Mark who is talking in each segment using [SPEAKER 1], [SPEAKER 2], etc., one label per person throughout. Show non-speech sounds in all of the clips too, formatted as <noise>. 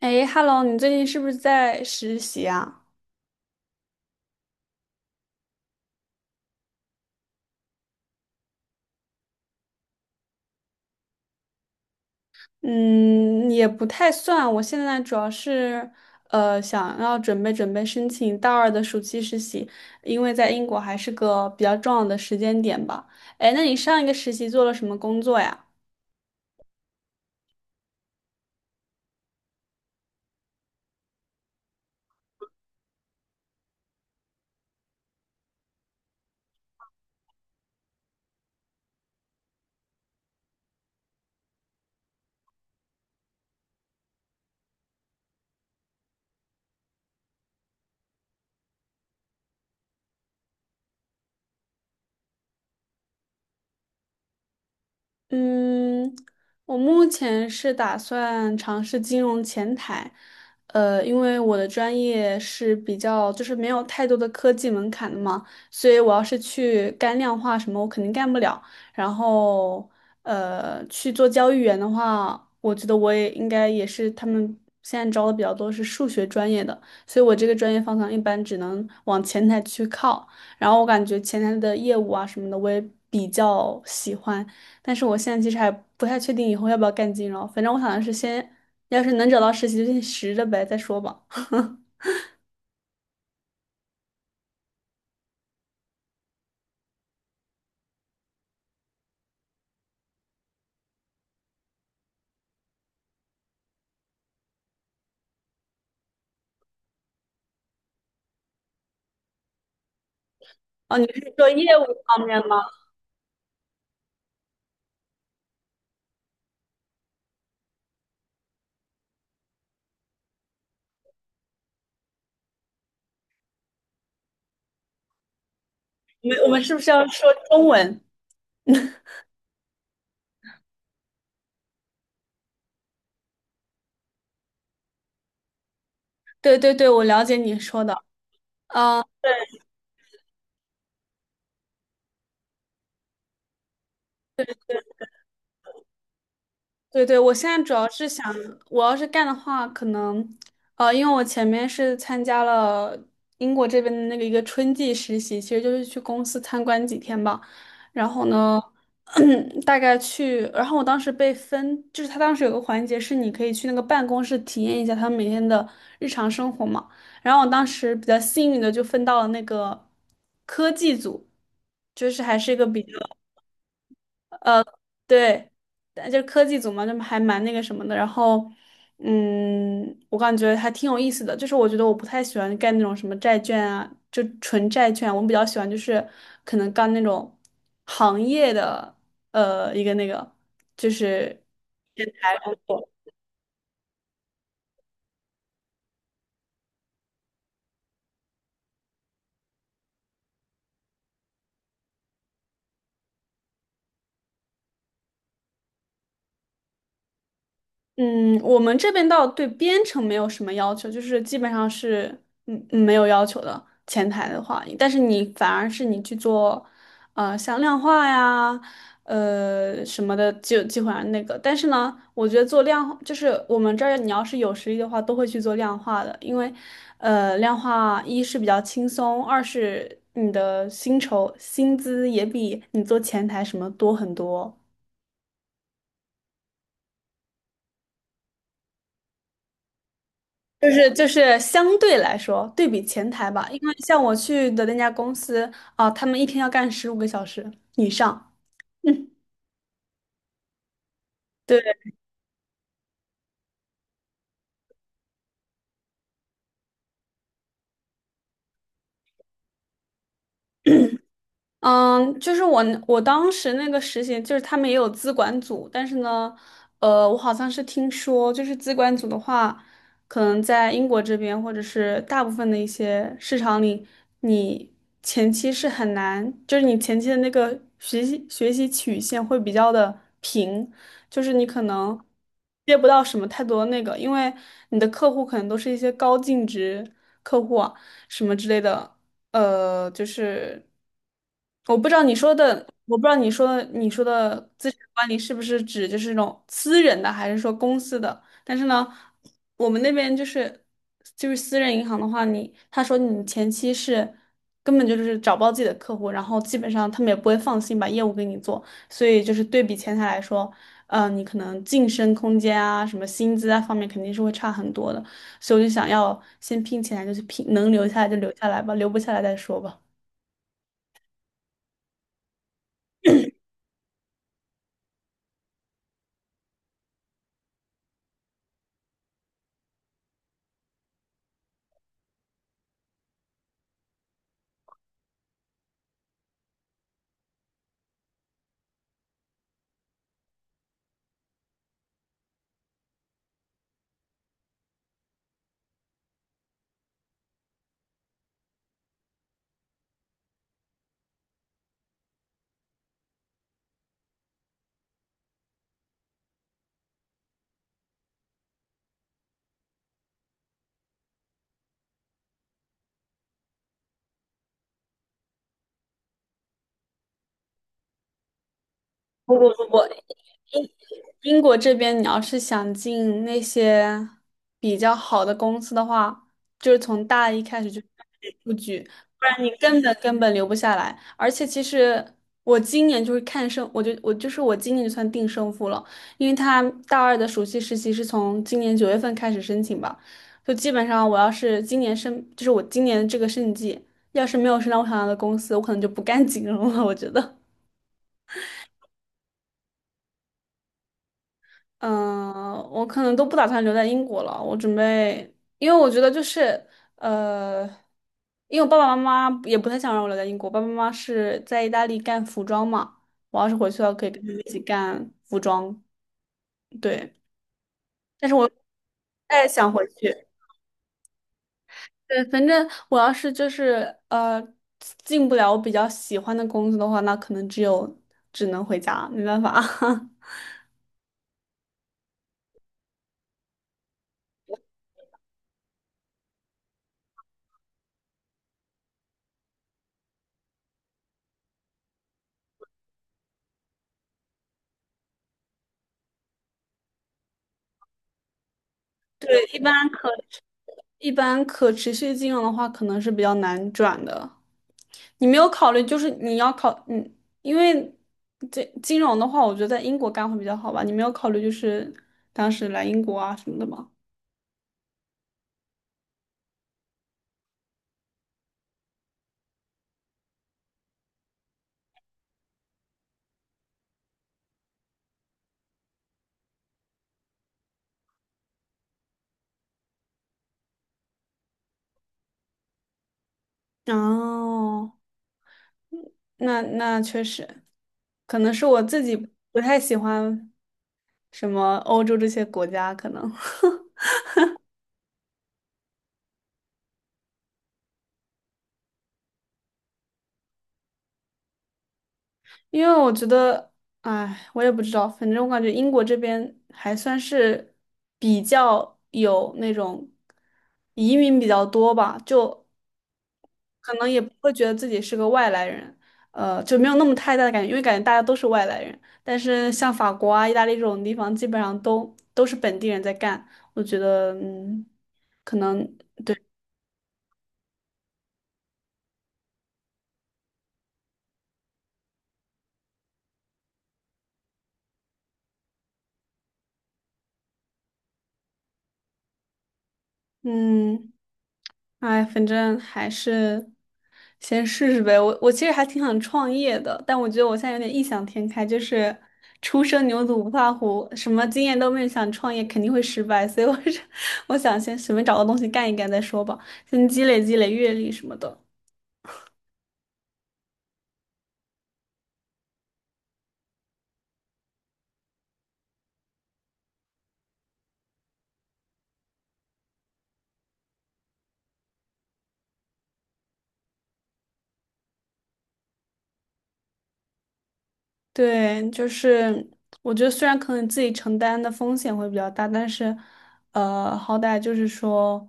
[SPEAKER 1] 哎，Hello，你最近是不是在实习啊？嗯，也不太算，我现在主要是想要准备准备申请大二的暑期实习，因为在英国还是个比较重要的时间点吧。哎，那你上一个实习做了什么工作呀？嗯，我目前是打算尝试金融前台，因为我的专业是比较就是没有太多的科技门槛的嘛，所以我要是去干量化什么，我肯定干不了。然后，去做交易员的话，我觉得我也应该也是他们现在招的比较多是数学专业的，所以我这个专业方向一般只能往前台去靠。然后我感觉前台的业务啊什么的，我也比较喜欢。但是我现在其实还不太确定以后要不要干金融，反正我想的是先，要是能找到实习就先实着呗，再说吧。<laughs> 哦，你是说业务方面吗？我们是不是要说中文？对对对，我了解你说的。啊。对对，我现在主要是想，我要是干的话，可能，因为我前面是参加了英国这边的那个一个春季实习，其实就是去公司参观几天吧。然后呢，<clears throat> 大概去，然后我当时被分，就是他当时有个环节是你可以去那个办公室体验一下他们每天的日常生活嘛。然后我当时比较幸运的就分到了那个科技组，就是还是一个比较对，但就是科技组嘛，就还蛮那个什么的。然后，我感觉还挺有意思的。就是我觉得我不太喜欢干那种什么债券啊，就纯债券啊。我比较喜欢就是可能干那种行业的，一个那个就是。嗯，我们这边倒对编程没有什么要求，就是基本上是没有要求的。前台的话，但是你反而是你去做，像量化呀，什么的，就基本上那个。但是呢，我觉得做量化，就是我们这儿你要是有实力的话，都会去做量化的，因为，量化一是比较轻松，二是你的薪酬薪资也比你做前台什么多很多。就是相对来说，对比前台吧，因为像我去的那家公司啊，他们一天要干15个小时以上。嗯，对。嗯，就是我当时那个实习，就是他们也有资管组，但是呢，我好像是听说，就是资管组的话，可能在英国这边或者是大部分的一些市场里，你前期是很难，就是你前期的那个学习曲线会比较的平，就是你可能接不到什么太多的那个，因为你的客户可能都是一些高净值客户啊，什么之类的。就是我不知道你说的，我不知道你说的资产管理是不是指就是那种私人的，还是说公司的？但是呢，我们那边就是私人银行的话，你他说你前期是根本就是找不到自己的客户，然后基本上他们也不会放心把业务给你做，所以就是对比前台来说，你可能晋升空间啊，什么薪资啊方面肯定是会差很多的，所以我就想要先拼起来，就是拼能留下来就留下来吧，留不下来再说吧。英国这边，你要是想进那些比较好的公司的话，就是从大一开始就开始布局，不然你根本根本留不下来。而且其实我今年就是看胜，我今年就算定胜负了，因为他大二的暑期实习是从今年9月份开始申请吧，就基本上我要是今年申，就是我今年这个胜季，要是没有申到我想要的公司，我可能就不干金融了，我觉得。嗯，我可能都不打算留在英国了。我准备，因为我觉得就是，呃，因为我爸爸妈妈也不太想让我留在英国。爸爸妈妈是在意大利干服装嘛，我要是回去了，可以跟他们一起干服装。对，但是我不太想回去。对，反正我要是就是进不了我比较喜欢的工作的话，那可能只能回家，没办法。<laughs> 对，一般可持续金融的话，可能是比较难转的。你没有考虑，就是你要考，因为这金融的话，我觉得在英国干会比较好吧。你没有考虑就是当时来英国啊什么的吗？哦，那确实，可能是我自己不太喜欢什么欧洲这些国家，可能 <laughs> 因为我觉得，哎，我也不知道，反正我感觉英国这边还算是比较有那种移民比较多吧，就可能也不会觉得自己是个外来人，就没有那么太大的感觉，因为感觉大家都是外来人。但是像法国啊、意大利这种地方，基本上都是本地人在干，我觉得，可能。嗯，哎，反正还是先试试呗。我其实还挺想创业的，但我觉得我现在有点异想天开，就是初生牛犊不怕虎，什么经验都没有，想创业肯定会失败，所以我是 <laughs> 我想先随便找个东西干一干再说吧，先积累积累阅历什么的。对，就是我觉得虽然可能自己承担的风险会比较大，但是，好歹就是说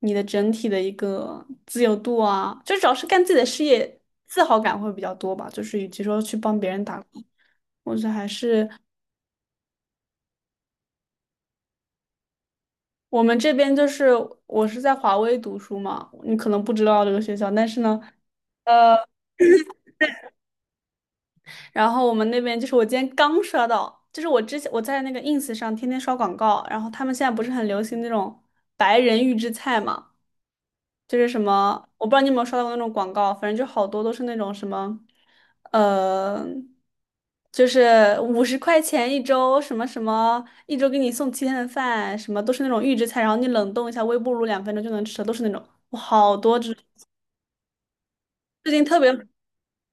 [SPEAKER 1] 你的整体的一个自由度啊，就主要是干自己的事业，自豪感会比较多吧。就是与其说去帮别人打工，我觉得还是我们这边就是我是在华威读书嘛，你可能不知道这个学校，但是呢。呃。然后我们那边就是我今天刚刷到，就是我之前我在那个 ins 上天天刷广告，然后他们现在不是很流行那种白人预制菜嘛，就是什么我不知道你有没有刷到过那种广告，反正就好多都是那种什么，呃，就是50块钱一周，什么什么一周给你送7天的饭，什么都是那种预制菜，然后你冷冻一下，微波炉2分钟就能吃的，都是那种，我好多只。最近特别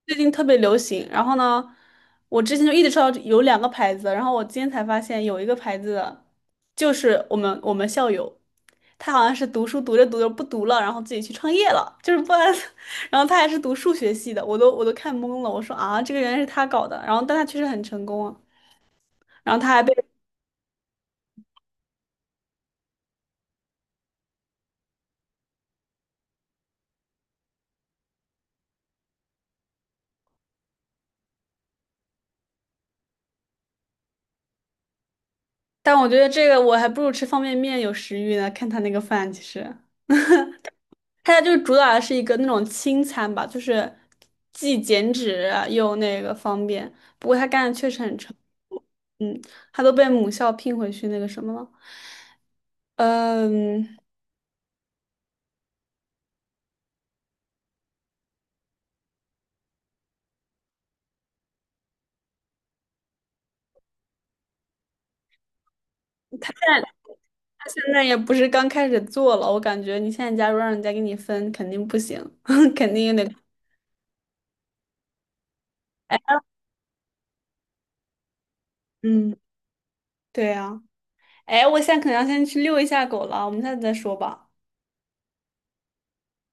[SPEAKER 1] 最近特别流行。然后呢，我之前就一直知道有两个牌子，然后我今天才发现有一个牌子的，就是我们校友，他好像是读书读着读着不读了，然后自己去创业了，就是不然，<laughs> 然后他还是读数学系的，我都看懵了，我说啊，这个原来是他搞的，然后但他确实很成功啊，然后他还被，但我觉得这个我还不如吃方便面有食欲呢，看他那个饭其实。他家就是主打的是一个那种轻餐吧，就是既减脂又那个方便。不过他干的确实很成功，嗯，他都被母校聘回去那个什么了。嗯，在他现在也不是刚开始做了，我感觉你现在假如让人家给你分，肯定不行，<laughs> 肯定也得，嗯，对啊。哎，我现在可能要先去遛一下狗了，我们下次再说吧。